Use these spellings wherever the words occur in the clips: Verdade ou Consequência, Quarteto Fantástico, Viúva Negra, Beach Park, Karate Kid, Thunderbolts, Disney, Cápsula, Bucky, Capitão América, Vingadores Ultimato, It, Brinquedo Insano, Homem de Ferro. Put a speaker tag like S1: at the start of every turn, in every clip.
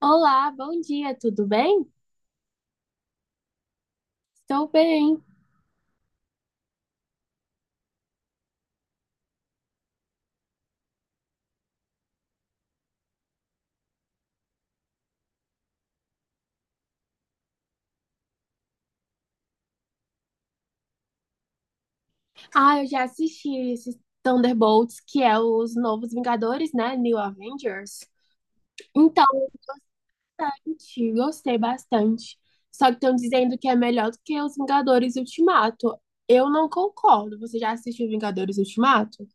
S1: Olá, bom dia, tudo bem? Estou bem. Ah, eu já assisti esses Thunderbolts, que é os novos Vingadores, né? New Avengers. Então, gente, gostei bastante. Só que estão dizendo que é melhor do que os Vingadores Ultimato. Eu não concordo. Você já assistiu Vingadores Ultimato?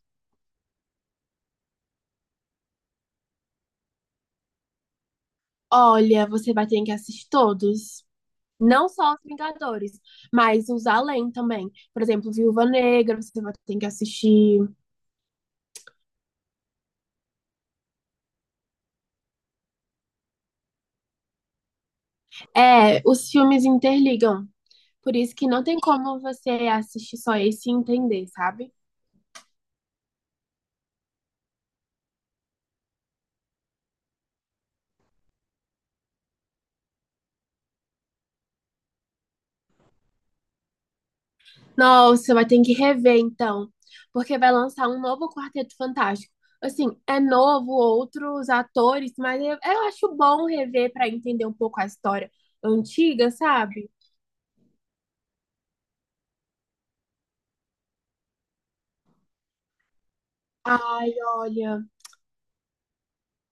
S1: Olha, você vai ter que assistir todos. Não só os Vingadores, mas os além também. Por exemplo, Viúva Negra, você vai ter que assistir. É, os filmes interligam. Por isso que não tem como você assistir só esse e entender, sabe? Nossa, vai ter que rever então, porque vai lançar um novo Quarteto Fantástico. Assim, é novo, outros atores, mas eu acho bom rever para entender um pouco a história antiga, sabe? Ai, olha,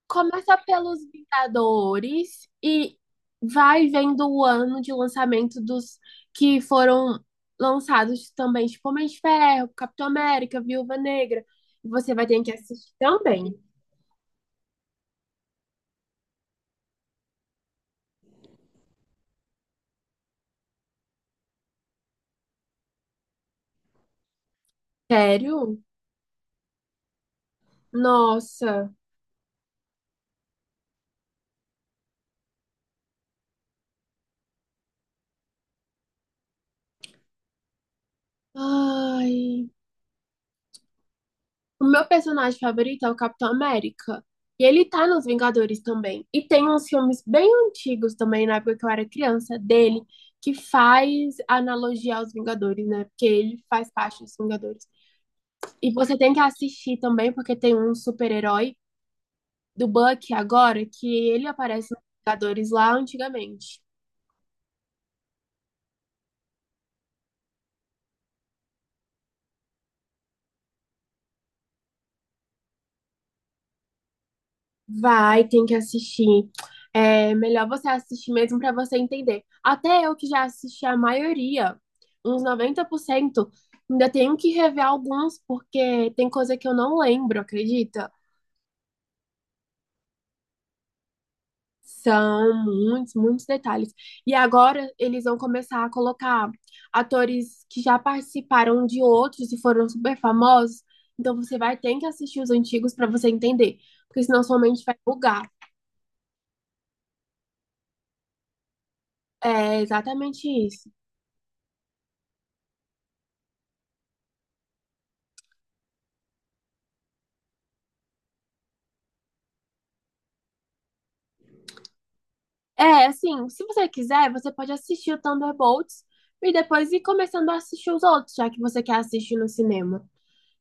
S1: começa pelos Vingadores e vai vendo o ano de lançamento dos que foram lançados também, tipo Homem de Ferro, Capitão América, Viúva Negra. Você vai ter que assistir também. Sério? Nossa. Ai. O meu personagem favorito é o Capitão América. E ele tá nos Vingadores também. E tem uns filmes bem antigos também, na época que eu era criança, dele, que faz analogia aos Vingadores, né? Porque ele faz parte dos Vingadores. E você tem que assistir também, porque tem um super-herói do Bucky agora, que ele aparece nos Vingadores lá antigamente. Vai, tem que assistir. É melhor você assistir mesmo para você entender. Até eu que já assisti a maioria, uns 90% ainda tenho que rever alguns porque tem coisa que eu não lembro, acredita? São muitos, muitos detalhes. E agora eles vão começar a colocar atores que já participaram de outros e foram super famosos. Então você vai ter que assistir os antigos para você entender, porque senão sua mente vai bugar. É exatamente isso. É, assim, se você quiser, você pode assistir o Thunderbolts e depois ir começando a assistir os outros, já que você quer assistir no cinema,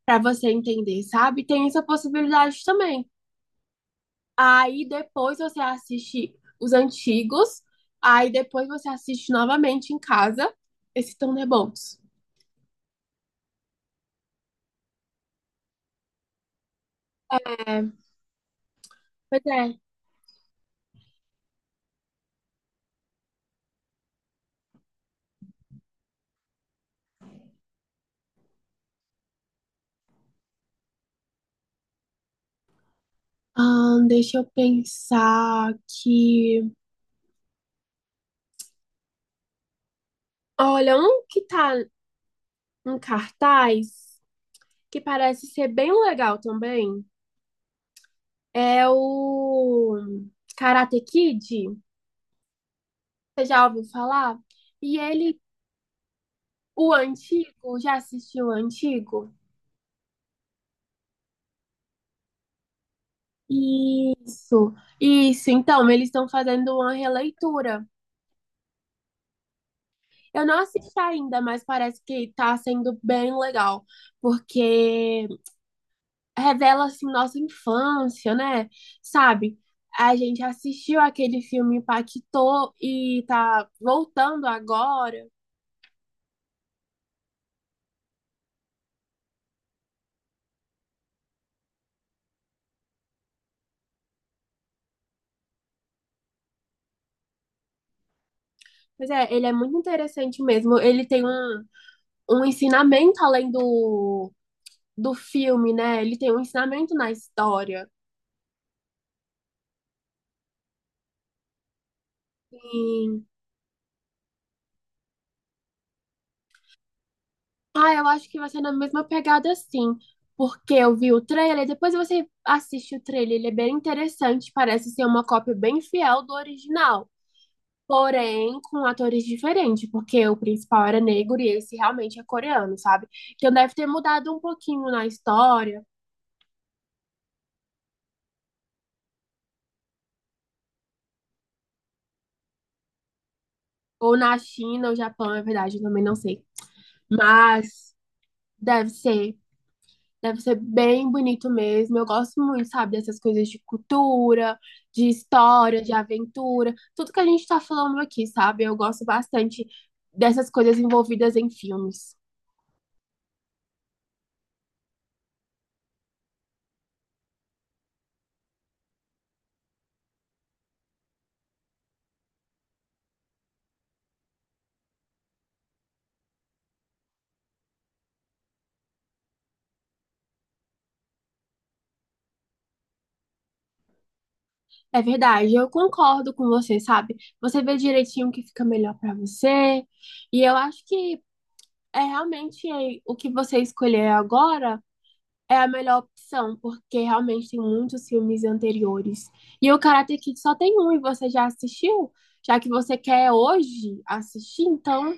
S1: pra você entender, sabe? Tem essa possibilidade também. Aí depois você assiste os antigos, aí depois você assiste novamente em casa esse Thunderbolts. É, pois é. Deixa eu pensar que. Olha, um que tá em cartaz, que parece ser bem legal também. É o Karate Kid, você já ouviu falar? E ele, o antigo, já assistiu o antigo? Isso, isso. Então, eles estão fazendo uma releitura. Eu não assisti ainda, mas parece que tá sendo bem legal, porque revela assim nossa infância, né? Sabe? A gente assistiu aquele filme impactou e tá voltando agora. Pois é, ele é muito interessante mesmo. Ele tem um ensinamento além do filme, né? Ele tem um ensinamento na história. E, ah, eu acho que vai ser na mesma pegada assim, porque eu vi o trailer, depois você assiste o trailer, ele é bem interessante, parece ser uma cópia bem fiel do original. Porém, com atores diferentes, porque o principal era negro e esse realmente é coreano, sabe? Então deve ter mudado um pouquinho na história, ou na China, ou Japão, é verdade, eu também não sei. Mas deve ser, deve ser bem bonito mesmo. Eu gosto muito, sabe, dessas coisas de cultura, de história, de aventura, tudo que a gente tá falando aqui, sabe? Eu gosto bastante dessas coisas envolvidas em filmes. É verdade, eu concordo com você, sabe? Você vê direitinho o que fica melhor pra você. E eu acho que é realmente, o que você escolher agora é a melhor opção, porque realmente tem muitos filmes anteriores. E o Karate Kid só tem um e você já assistiu? Já que você quer hoje assistir, então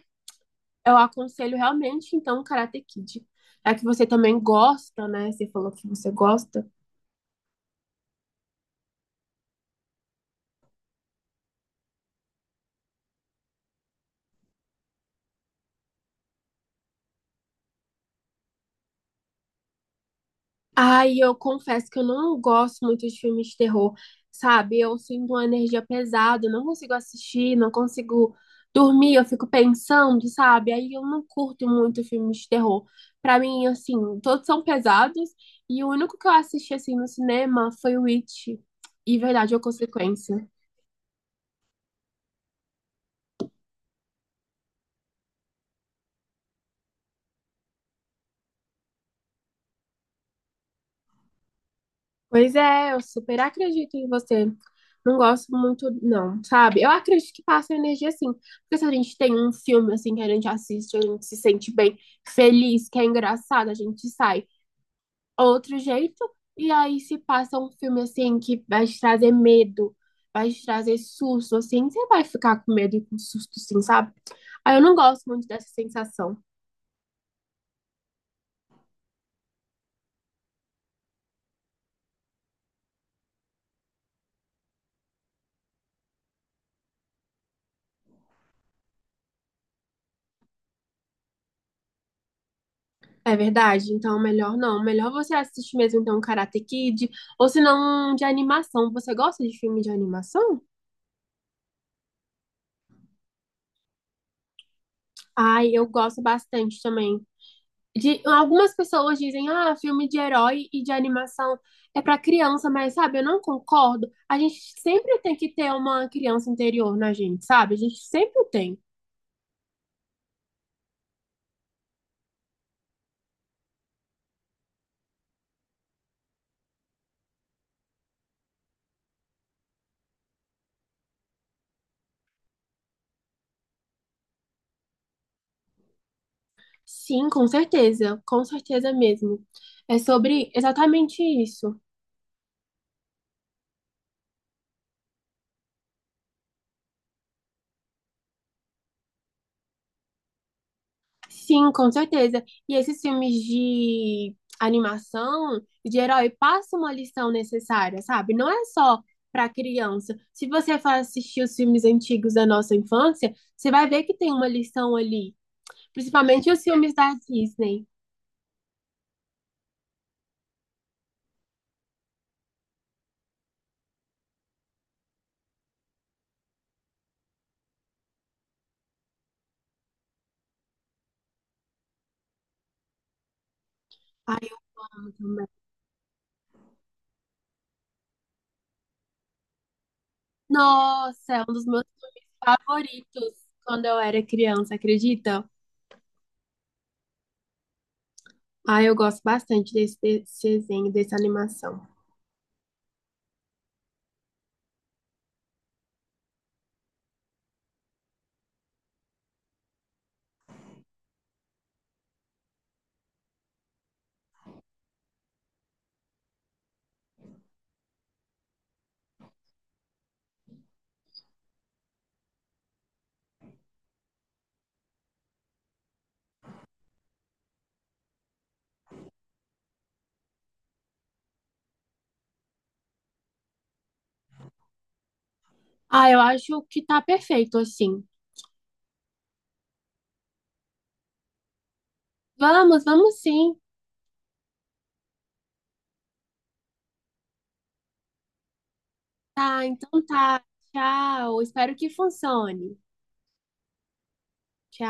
S1: eu aconselho realmente então o Karate Kid. Já que você também gosta, né? Você falou que você gosta. Ai, eu confesso que eu não gosto muito de filmes de terror, sabe? Eu sinto uma energia pesada, eu não consigo assistir, não consigo dormir, eu fico pensando, sabe? Aí eu não curto muito filmes de terror. Pra mim, assim, todos são pesados e o único que eu assisti assim no cinema foi o It e Verdade ou Consequência. Pois é, eu super acredito em você. Não gosto muito, não, sabe? Eu acredito que passa energia assim. Porque se a gente tem um filme assim que a gente assiste, a gente se sente bem, feliz, que é engraçado, a gente sai outro jeito. E aí se passa um filme assim que vai te trazer medo, vai te trazer susto, assim, você vai ficar com medo e com susto, sim, sabe? Aí eu não gosto muito dessa sensação. É verdade, então melhor não. Melhor você assistir mesmo então Karate Kid, ou se não um de animação. Você gosta de filme de animação? Ai, eu gosto bastante também. De, algumas pessoas dizem, ah, filme de herói e de animação é pra criança, mas sabe, eu não concordo. A gente sempre tem que ter uma criança interior na gente, sabe? A gente sempre tem. Sim, com certeza mesmo. É sobre exatamente isso. Sim, com certeza. E esses filmes de animação, de herói, passam uma lição necessária, sabe? Não é só para criança. Se você for assistir os filmes antigos da nossa infância, você vai ver que tem uma lição ali. Principalmente os filmes da Disney. Ai, eu amo também. Nossa, é um dos meus filmes favoritos quando eu era criança, acredita? Ah, eu gosto bastante desse desenho, dessa animação. Ah, eu acho que tá perfeito assim. Vamos, vamos sim. Tá, então tá. Tchau. Espero que funcione.